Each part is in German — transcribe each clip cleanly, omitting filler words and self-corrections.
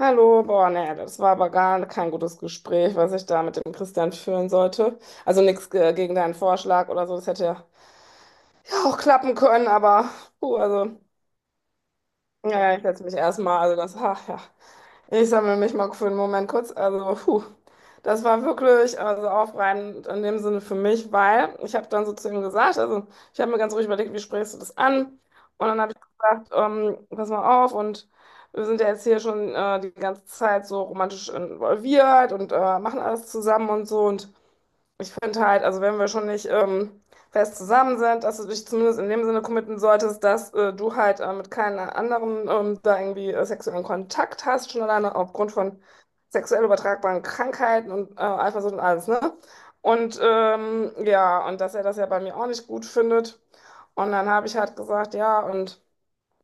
Hallo, boah, naja, das war aber gar kein gutes Gespräch, was ich da mit dem Christian führen sollte. Also nichts gegen deinen Vorschlag oder so, das hätte ja auch klappen können, aber puh, also, ja, ja, ich setze mich erstmal, also das, ach ja. Ich sammle mich mal für einen Moment kurz. Also, puh, das war wirklich also aufreibend in dem Sinne für mich, weil ich habe dann so zu ihm gesagt, also ich habe mir ganz ruhig überlegt, wie sprichst du das an? Und dann habe ich gesagt, pass mal auf, und wir sind ja jetzt hier schon die ganze Zeit so romantisch involviert und machen alles zusammen und so, und ich finde halt, also wenn wir schon nicht fest zusammen sind, dass du dich zumindest in dem Sinne committen solltest, dass du halt mit keinem anderen da irgendwie sexuellen Kontakt hast, schon alleine aufgrund von sexuell übertragbaren Krankheiten und Eifersucht und alles, ne? Und ja, und dass er das ja bei mir auch nicht gut findet. Und dann habe ich halt gesagt, ja, und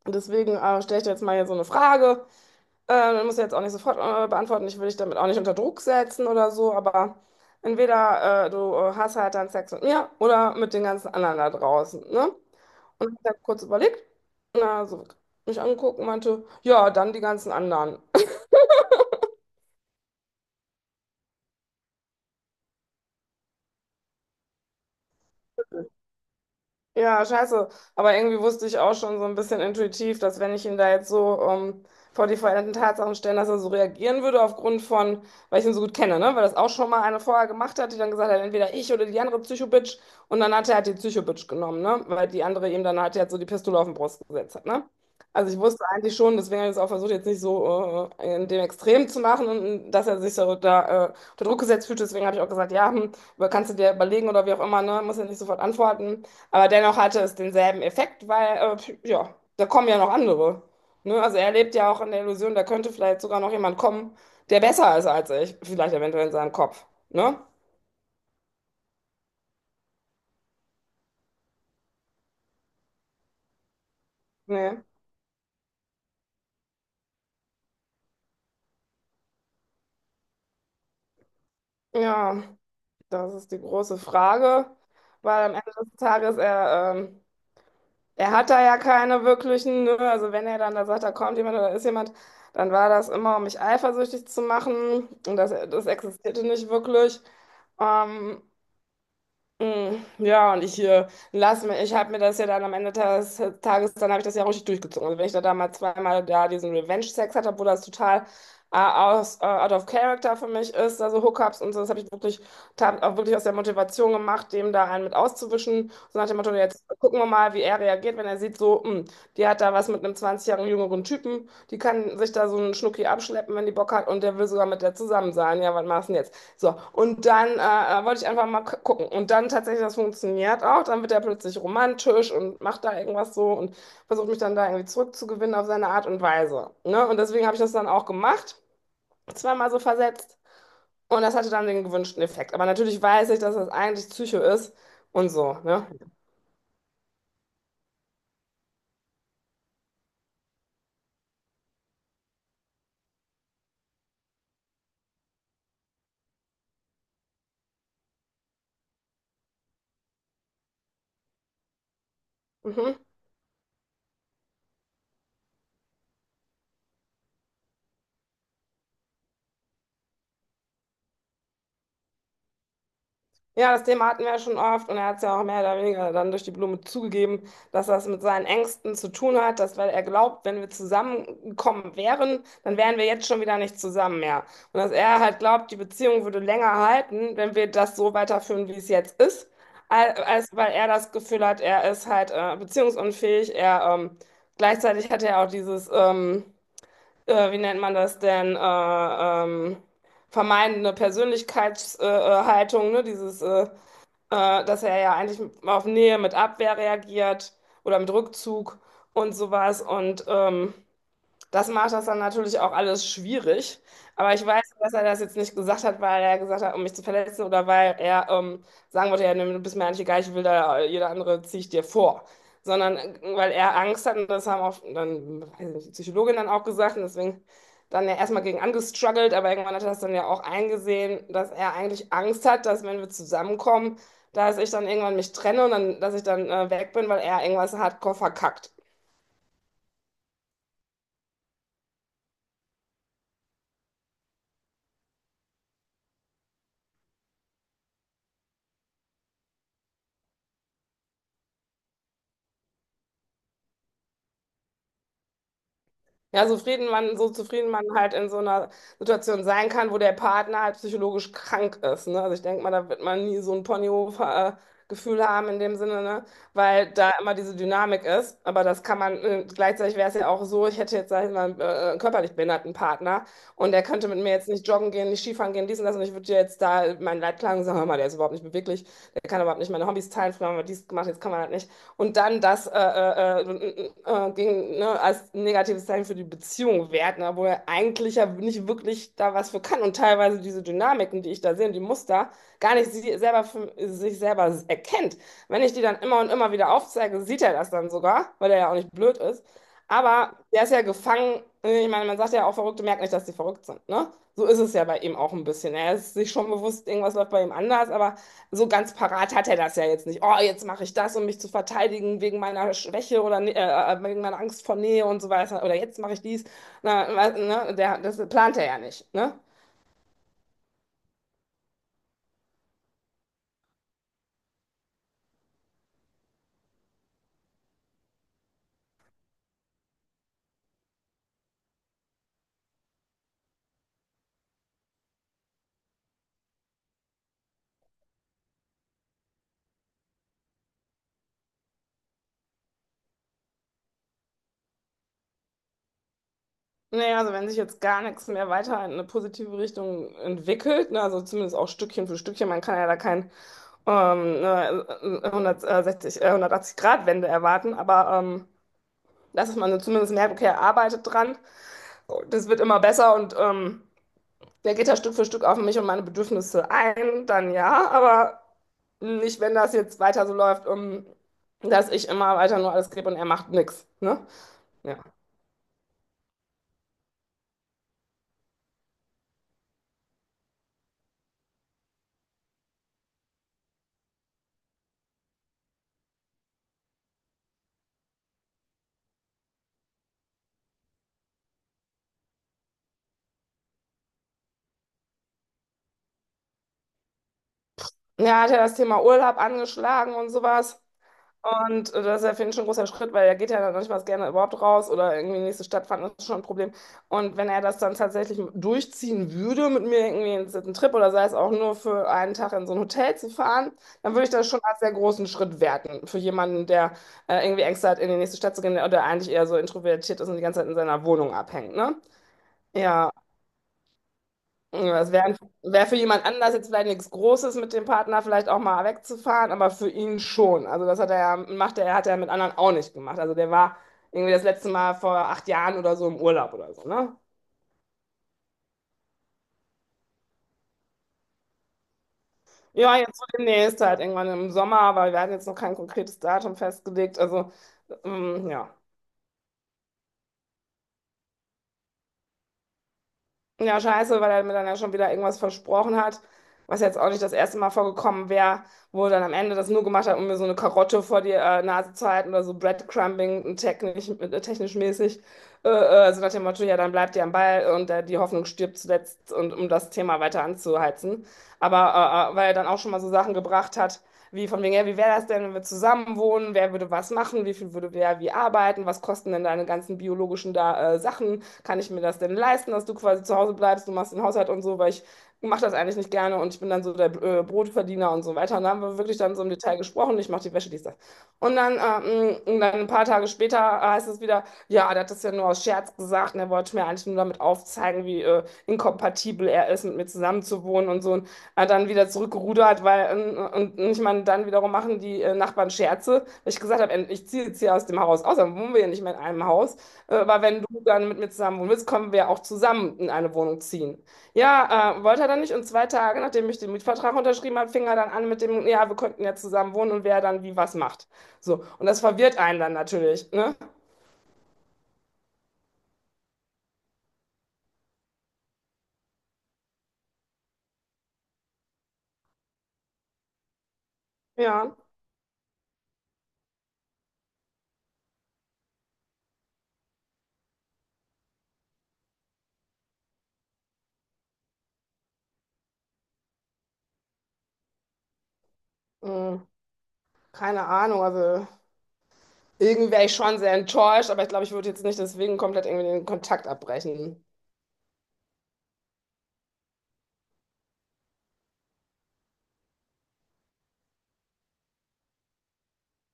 deswegen stelle ich dir jetzt mal hier so eine Frage. Muss ich jetzt auch nicht sofort beantworten. Ich will dich damit auch nicht unter Druck setzen oder so, aber entweder du hast halt dann Sex mit mir oder mit den ganzen anderen da draußen, ne? Und ich habe kurz überlegt, na, so mich angeguckt und meinte, ja, dann die ganzen anderen. Ja, scheiße. Aber irgendwie wusste ich auch schon so ein bisschen intuitiv, dass wenn ich ihn da jetzt so vor die veränderten Tatsachen stellen, dass er so reagieren würde aufgrund von, weil ich ihn so gut kenne, ne? Weil das auch schon mal eine vorher gemacht hat, die dann gesagt hat, entweder ich oder die andere Psycho-Bitch. Und dann hat er halt die Psycho-Bitch genommen, ne? Weil die andere ihm dann halt jetzt so die Pistole auf den Brust gesetzt hat, ne? Also ich wusste eigentlich schon, deswegen habe ich es auch versucht, jetzt nicht so in dem Extrem zu machen und dass er sich so da unter Druck gesetzt fühlt. Deswegen habe ich auch gesagt, ja, hm, aber kannst du dir überlegen oder wie auch immer, ne? Muss ja nicht sofort antworten. Aber dennoch hatte es denselben Effekt, weil, ja, da kommen ja noch andere. Ne? Also er lebt ja auch in der Illusion, da könnte vielleicht sogar noch jemand kommen, der besser ist als ich. Vielleicht eventuell in seinem Kopf. Ne? Nee. Ja, das ist die große Frage, weil am Ende des Tages, er, er hat da ja keine wirklichen, ne? Also wenn er dann da sagt, da kommt jemand oder da ist jemand, dann war das immer, um mich eifersüchtig zu machen, und das, das existierte nicht wirklich. Ähm, Ja, und ich lasse mir, ich habe mir das ja dann am Ende des Tages, dann habe ich das ja auch richtig durchgezogen. Also wenn ich da damals zweimal da diesen Revenge-Sex hatte, obwohl das total out of character für mich ist, also Hookups und so, das habe ich wirklich, hab auch wirklich aus der Motivation gemacht, dem da einen mit auszuwischen. So nach dem Motto, jetzt gucken wir mal, wie er reagiert, wenn er sieht, so, die hat da was mit einem 20 Jahre jüngeren Typen, die kann sich da so einen Schnucki abschleppen, wenn die Bock hat, und der will sogar mit der zusammen sein. Ja, was machst du denn jetzt? So, und dann wollte ich einfach mal gucken. Und dann tatsächlich, das funktioniert auch. Dann wird er plötzlich romantisch und macht da irgendwas so und versucht mich dann da irgendwie zurückzugewinnen auf seine Art und Weise. Ne? Und deswegen habe ich das dann auch gemacht, zweimal so versetzt. Und das hatte dann den gewünschten Effekt. Aber natürlich weiß ich, dass das eigentlich Psycho ist und so. Ne? Mhm. Ja, das Thema hatten wir ja schon oft, und er hat es ja auch mehr oder weniger dann durch die Blume zugegeben, dass das mit seinen Ängsten zu tun hat, dass weil er glaubt, wenn wir zusammengekommen wären, dann wären wir jetzt schon wieder nicht zusammen mehr. Und dass er halt glaubt, die Beziehung würde länger halten, wenn wir das so weiterführen, wie es jetzt ist, als weil er das Gefühl hat, er ist halt beziehungsunfähig. Er gleichzeitig hat er auch dieses, wie nennt man das denn, vermeidende Persönlichkeitshaltung, Haltung, ne? Dieses dass er ja eigentlich auf Nähe mit Abwehr reagiert oder mit Rückzug und sowas. Und das macht das dann natürlich auch alles schwierig. Aber ich weiß, dass er das jetzt nicht gesagt hat, weil er gesagt hat, um mich zu verletzen, oder weil er sagen wollte, ja, nee, du bist mir eigentlich egal, ich will da, jeder andere ziehe ich dir vor. Sondern weil er Angst hat, und das haben auch dann, weiß ich nicht, die Psychologin dann auch gesagt, und deswegen dann ja erstmal gegen angestruggelt, aber irgendwann hat er das dann ja auch eingesehen, dass er eigentlich Angst hat, dass wenn wir zusammenkommen, dass ich dann irgendwann mich trenne und dann, dass ich dann weg bin, weil er irgendwas hardcore verkackt. Ja, so zufrieden man halt in so einer Situation sein kann, wo der Partner halt psychologisch krank ist, ne? Also ich denke mal, da wird man nie so ein Ponyhof-Gefühl haben in dem Sinne, ne? Weil da immer diese Dynamik ist. Aber das kann man, gleichzeitig wäre es ja auch so, ich hätte jetzt, sag ich mal, einen körperlich behinderten Partner, und der könnte mit mir jetzt nicht joggen gehen, nicht Skifahren gehen, dies und das, und ich würde dir jetzt da meinen Leid klagen und sagen, hör mal, der ist überhaupt nicht beweglich, der kann überhaupt nicht meine Hobbys teilen, früher haben wir dies gemacht, jetzt kann man halt nicht, und dann das gegen, ne, als negatives Zeichen für die Beziehung wert, ne, obwohl er eigentlich ja nicht wirklich da was für kann, und teilweise diese Dynamiken, die ich da sehe, und die Muster, gar nicht sich selber erkennt. Wenn ich die dann immer und immer wieder aufzeige, sieht er das dann sogar, weil er ja auch nicht blöd ist. Aber der ist ja gefangen. Ich meine, man sagt ja auch, Verrückte merken nicht, dass sie verrückt sind, ne? So ist es ja bei ihm auch ein bisschen. Er ist sich schon bewusst, irgendwas läuft bei ihm anders, aber so ganz parat hat er das ja jetzt nicht. Oh, jetzt mache ich das, um mich zu verteidigen wegen meiner Schwäche oder wegen meiner Angst vor Nähe und so weiter. Oder jetzt mache ich dies. Na, ne, der, das plant er ja nicht, ne? Naja, also wenn sich jetzt gar nichts mehr weiter in eine positive Richtung entwickelt, ne, also zumindest auch Stückchen für Stückchen, man kann ja da kein ne, 180-Grad-Wende erwarten, aber dass man so zumindest merkt, okay, er arbeitet dran. So, das wird immer besser, und der geht da Stück für Stück auf mich und meine Bedürfnisse ein, dann ja, aber nicht, wenn das jetzt weiter so läuft, dass ich immer weiter nur alles gebe und er macht nichts, ne? Ja. Ja, hat er das Thema Urlaub angeschlagen und sowas. Und das ist ja für ihn schon ein großer Schritt, weil er geht ja dann noch nicht mal gerne überhaupt raus oder irgendwie in die nächste Stadt fahren, das ist schon ein Problem. Und wenn er das dann tatsächlich durchziehen würde, mit mir irgendwie in einen Trip oder sei es auch nur für einen Tag in so ein Hotel zu fahren, dann würde ich das schon als sehr großen Schritt werten. Für jemanden, der irgendwie Ängste hat, in die nächste Stadt zu gehen oder eigentlich eher so introvertiert ist und die ganze Zeit in seiner Wohnung abhängt, ne? Ja, ja, das wäre, wär für jemand anders jetzt vielleicht nichts Großes, mit dem Partner vielleicht auch mal wegzufahren, aber für ihn schon. Also das hat er ja, macht er, hat er mit anderen auch nicht gemacht. Also der war irgendwie das letzte Mal vor 8 Jahren oder so im Urlaub oder so, ne? Ja, jetzt so demnächst halt irgendwann im Sommer, aber wir hatten jetzt noch kein konkretes Datum festgelegt. Also, ja. Ja, scheiße, weil er mir dann ja schon wieder irgendwas versprochen hat, was jetzt auch nicht das erste Mal vorgekommen wäre, wo er dann am Ende das nur gemacht hat, um mir so eine Karotte vor die Nase zu halten oder so Breadcrumbing technisch mäßig. So nach dem Motto, ja, dann bleibt ihr am Ball und die Hoffnung stirbt zuletzt, und um das Thema weiter anzuheizen. Aber weil er dann auch schon mal so Sachen gebracht hat, wie von wegen, ja, wie wäre das denn, wenn wir zusammen wohnen? Wer würde was machen? Wie viel würde wer wie arbeiten? Was kosten denn deine ganzen biologischen da, Sachen? Kann ich mir das denn leisten, dass du quasi zu Hause bleibst, du machst den Haushalt und so, weil ich mache das eigentlich nicht gerne, und ich bin dann so der Brotverdiener und so weiter. Und da haben wir wirklich dann so im Detail gesprochen, ich mache die Wäsche, dies, das. Und dann, und dann ein paar Tage später heißt es wieder, ja, der hat das ja nur aus Scherz gesagt, und er wollte mir eigentlich nur damit aufzeigen, wie inkompatibel er ist, mit mir zusammenzuwohnen und so. Und aber dann wieder zurückgerudert, weil, und, ich meine, dann wiederum machen die Nachbarn Scherze, weil ich gesagt habe, ey, ich ziehe jetzt hier aus dem Haus aus, dann wohnen wir ja nicht mehr in einem Haus. Aber wenn du dann mit mir zusammen wohnen willst, können wir auch zusammen in eine Wohnung ziehen. Ja, wollte er dann nicht. Und 2 Tage, nachdem ich den Mietvertrag unterschrieben habe, fing er dann an mit dem, ja, wir könnten ja zusammen wohnen und wer dann wie was macht. So. Und das verwirrt einen dann natürlich, ne? Ja. Hm, keine Ahnung, also irgendwie wäre ich schon sehr enttäuscht, aber ich glaube, ich würde jetzt nicht deswegen komplett irgendwie den Kontakt abbrechen.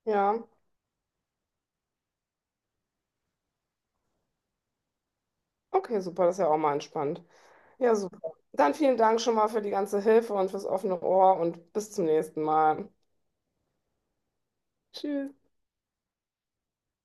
Ja, okay, super, das ist ja auch mal entspannt. Ja, super. Dann vielen Dank schon mal für die ganze Hilfe und fürs offene Ohr, und bis zum nächsten Mal. Tschüss.